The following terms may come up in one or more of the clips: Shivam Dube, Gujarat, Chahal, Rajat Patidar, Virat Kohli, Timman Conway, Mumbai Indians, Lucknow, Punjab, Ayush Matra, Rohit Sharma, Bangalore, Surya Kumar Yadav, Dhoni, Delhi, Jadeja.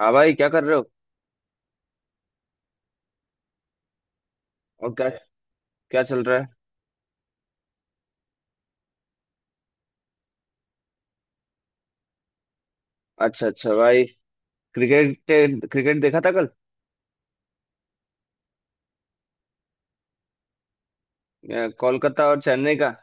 हाँ भाई, क्या कर रहे हो? और क्या? क्या चल रहा है? अच्छा अच्छा भाई। क्रिकेट, क्रिकेट देखा था कल। कोलकाता और चेन्नई का।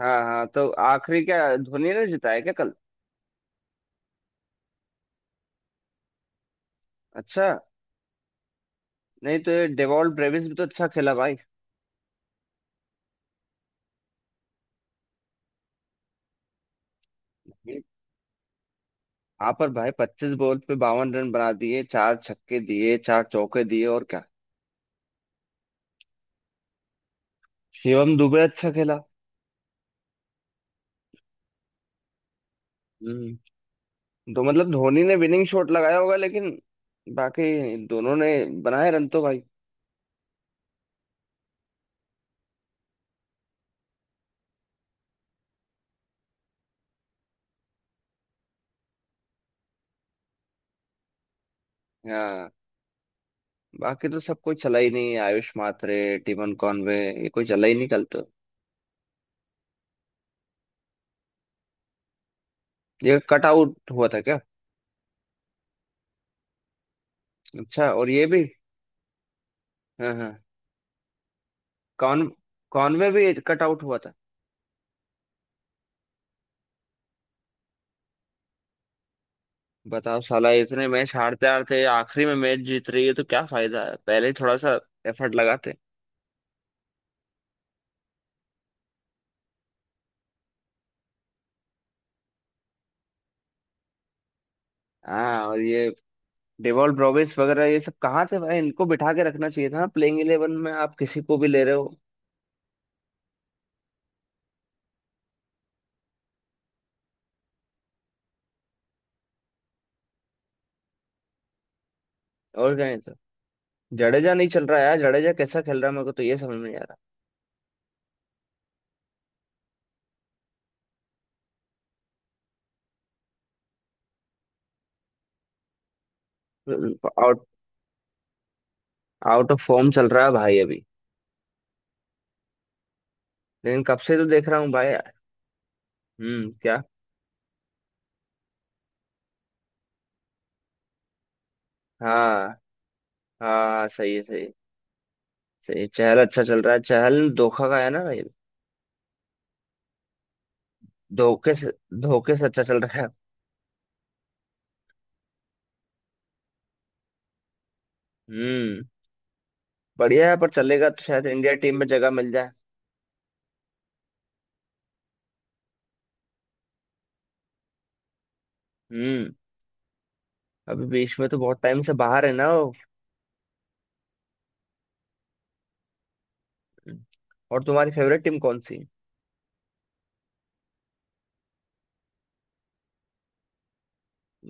हाँ हाँ, तो आखिरी क्या धोनी ने जीता है क्या कल? अच्छा। नहीं, तो ये डेवॉल्ट ब्रेविस भी तो अच्छा खेला भाई। हाँ पर भाई, 25 बॉल पे 52 रन बना दिए, चार छक्के दिए, चार चौके दिए, और क्या। शिवम दुबे अच्छा खेला। हम्म। तो मतलब धोनी ने विनिंग शॉट लगाया होगा, लेकिन बाकी दोनों ने बनाए रन तो भाई। हाँ, बाकी तो सब कोई चला ही नहीं, आयुष मात्रे, टिमन कॉनवे, ये कोई चला ही नहीं कल तो। ये कट आउट हुआ था क्या? अच्छा, और ये भी? हाँ हाँ। कॉन कॉनवे भी कट आउट हुआ था? बताओ साला, इतने मैच हारते हारते आखिरी में मैच जीत रही है, तो क्या फायदा है, पहले ही थोड़ा सा एफर्ट लगाते। हाँ, और ये डेवॉल ब्रोवेस वगैरह ये सब कहाँ थे भाई, इनको बिठा के रखना चाहिए था। प्लेइंग 11 में आप किसी को भी ले रहे हो। और क्या है तो। जडेजा नहीं चल रहा है यार, जडेजा कैसा खेल रहा है, मेरे को तो ये समझ में नहीं आ रहा। आउट ऑफ फॉर्म चल रहा है भाई अभी, लेकिन कब से तो देख रहा हूँ भाई। हम्म, क्या? हाँ हाँ, सही है, सही है, सही है। चहल अच्छा चल रहा है, चहल धोखा का है ना भाई। धोखे से, धोखे से अच्छा चल रहा है। हम्म। बढ़िया है, पर चलेगा तो शायद इंडिया टीम में जगह मिल जाए। हम्म। अभी बीच में तो बहुत टाइम से बाहर है ना वो। और तुम्हारी फेवरेट टीम कौन सी?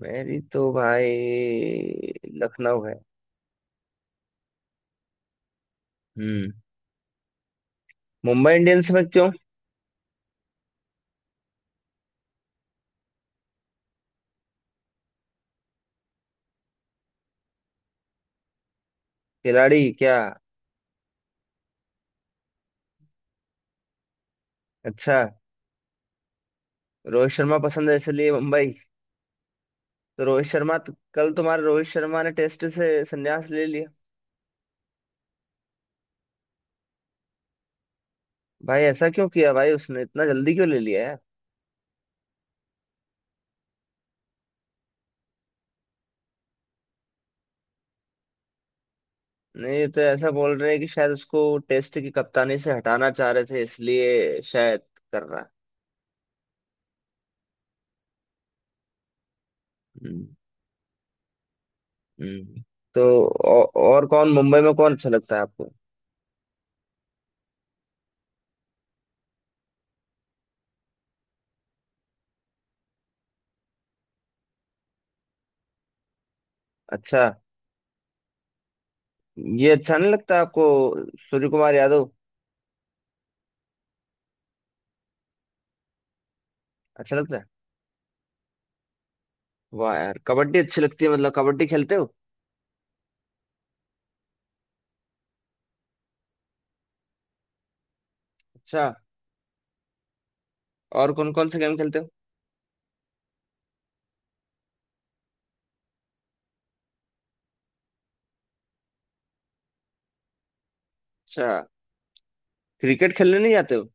मेरी तो भाई लखनऊ है। हम्म। मुंबई इंडियंस में क्यों? खिलाड़ी क्या? अच्छा। रोहित शर्मा पसंद है इसलिए मुंबई। तो रोहित शर्मा तो कल, तुम्हारे रोहित शर्मा ने टेस्ट से संन्यास ले लिया। भाई ऐसा क्यों किया भाई, उसने इतना जल्दी क्यों ले लिया यार? नहीं, ये तो ऐसा बोल रहे हैं कि शायद उसको टेस्ट की कप्तानी से हटाना चाह रहे थे, इसलिए शायद कर रहा है। हम्म, हम्म। तो और कौन मुंबई में कौन अच्छा लगता है आपको? अच्छा। ये अच्छा नहीं लगता आपको? सूर्य कुमार यादव? अच्छा लगता है। वाह यार, कबड्डी अच्छी लगती है, मतलब कबड्डी खेलते हो? अच्छा। और कौन कौन से गेम खेलते हो? अच्छा। क्रिकेट खेलने नहीं जाते हो?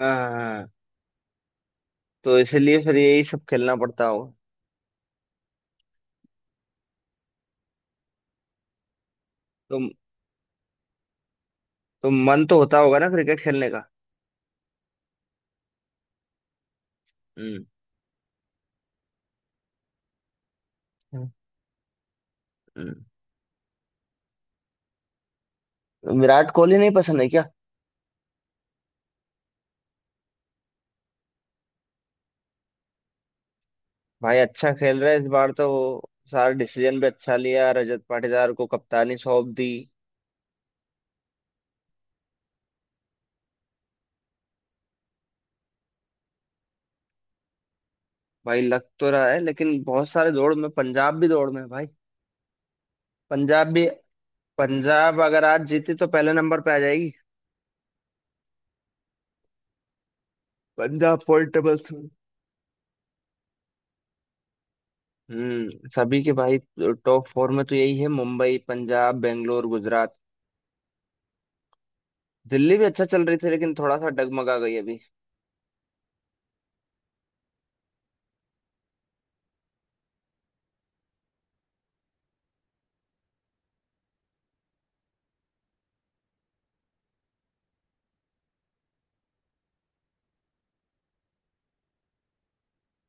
हाँ हाँ, हाँ। तो इसलिए फिर यही सब खेलना पड़ता होगा। तो, तो मन तो होता होगा ना क्रिकेट खेलने का? हम्म। हम्म। विराट कोहली नहीं पसंद है क्या? भाई अच्छा खेल रहा है इस बार तो, सारे डिसीजन भी अच्छा लिया, रजत पाटीदार को कप्तानी सौंप दी। भाई लग तो रहा है, लेकिन बहुत सारे दौड़ में, पंजाब भी दौड़ में है भाई। पंजाब भी। पंजाब अगर आज जीती तो पहले नंबर पे आ जाएगी, पंजाब पॉइंट टेबल से। हम्म, सभी के भाई। टॉप फोर में तो यही है, मुंबई, पंजाब, बेंगलोर, गुजरात। दिल्ली भी अच्छा चल रही थी लेकिन थोड़ा सा डगमगा गई अभी।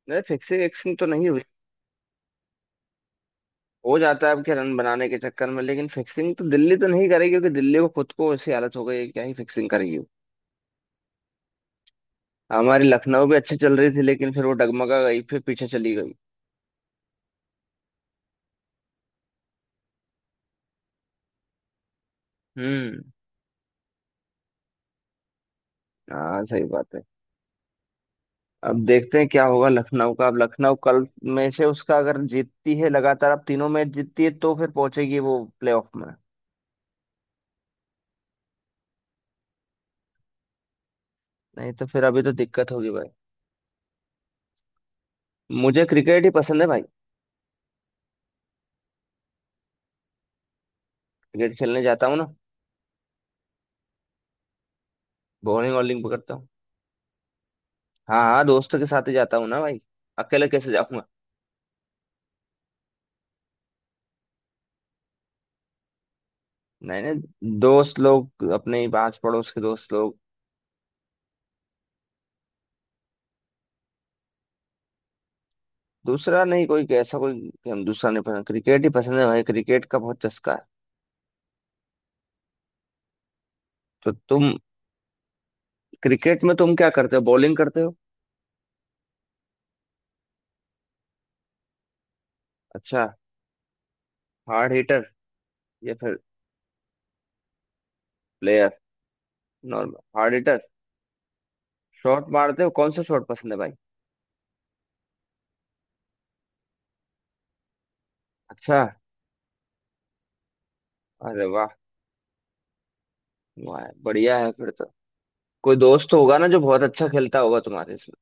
नहीं, फिक्सिंग विक्सिंग तो नहीं हुई। हो जाता है अब के, रन बनाने के चक्कर में, लेकिन फिक्सिंग तो दिल्ली तो नहीं करेगी क्योंकि दिल्ली को खुद को ऐसी हालत हो गई है कि क्या ही फिक्सिंग करेगी वो। हमारी लखनऊ भी अच्छी चल रही थी, लेकिन फिर वो डगमगा गई, फिर पीछे चली गई। हम्म। हाँ, सही बात है। अब देखते हैं क्या होगा लखनऊ का, अब लखनऊ कल में से उसका अगर जीतती है लगातार, अब तीनों मैच जीतती है तो फिर पहुंचेगी वो प्लेऑफ में। नहीं तो फिर अभी तो दिक्कत होगी भाई। मुझे क्रिकेट ही पसंद है भाई। क्रिकेट खेलने जाता हूँ ना। बॉलिंग वॉलिंग पकड़ता हूँ। हाँ हाँ, दोस्तों के साथ ही जाता हूँ ना भाई, अकेले कैसे जाऊंगा? नहीं नहीं, दोस्त लोग अपने ही पास पड़ोस के दोस्त लोग। दूसरा नहीं, कोई ऐसा कोई कि हम, दूसरा नहीं पसंद, क्रिकेट ही पसंद है भाई, क्रिकेट का बहुत चस्का है। तो तुम, क्रिकेट में तुम क्या करते हो, बॉलिंग करते हो? अच्छा। हार्ड हिटर या फिर player? Normal hard hitter. Shot मारते हो, कौन सा शॉट पसंद है भाई? अच्छा। अरे वाह। वाह बढ़िया है, फिर तो कोई दोस्त होगा ना जो बहुत अच्छा खेलता होगा तुम्हारे इसमें।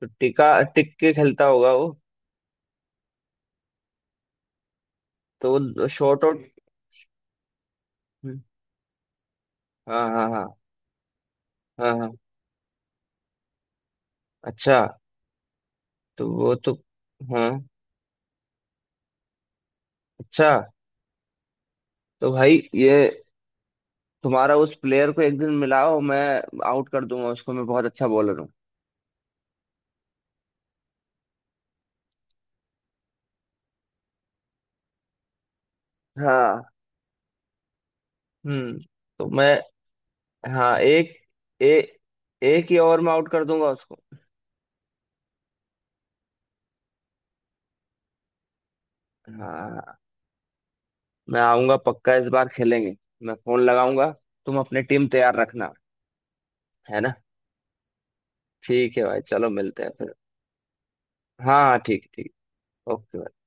तो टिका टिक के खेलता होगा वो। तो वो शॉर्ट आउट। हाँ हाँ हाँ। हाँ हाँ। अच्छा। तो वो तो। हाँ। अच्छा। तो भाई ये, तुम्हारा उस प्लेयर को एक दिन मिलाओ, मैं आउट कर दूंगा उसको, मैं बहुत अच्छा बॉलर हूँ। हाँ। हम्म। तो मैं। हाँ, एक। ए, एक ही ओवर में आउट कर दूंगा उसको। हाँ। मैं आऊंगा पक्का, इस बार खेलेंगे, मैं फोन लगाऊंगा, तुम अपनी टीम तैयार रखना। है ना? ठीक है भाई, चलो मिलते हैं फिर। हाँ हाँ, ठीक ठीक। ओके।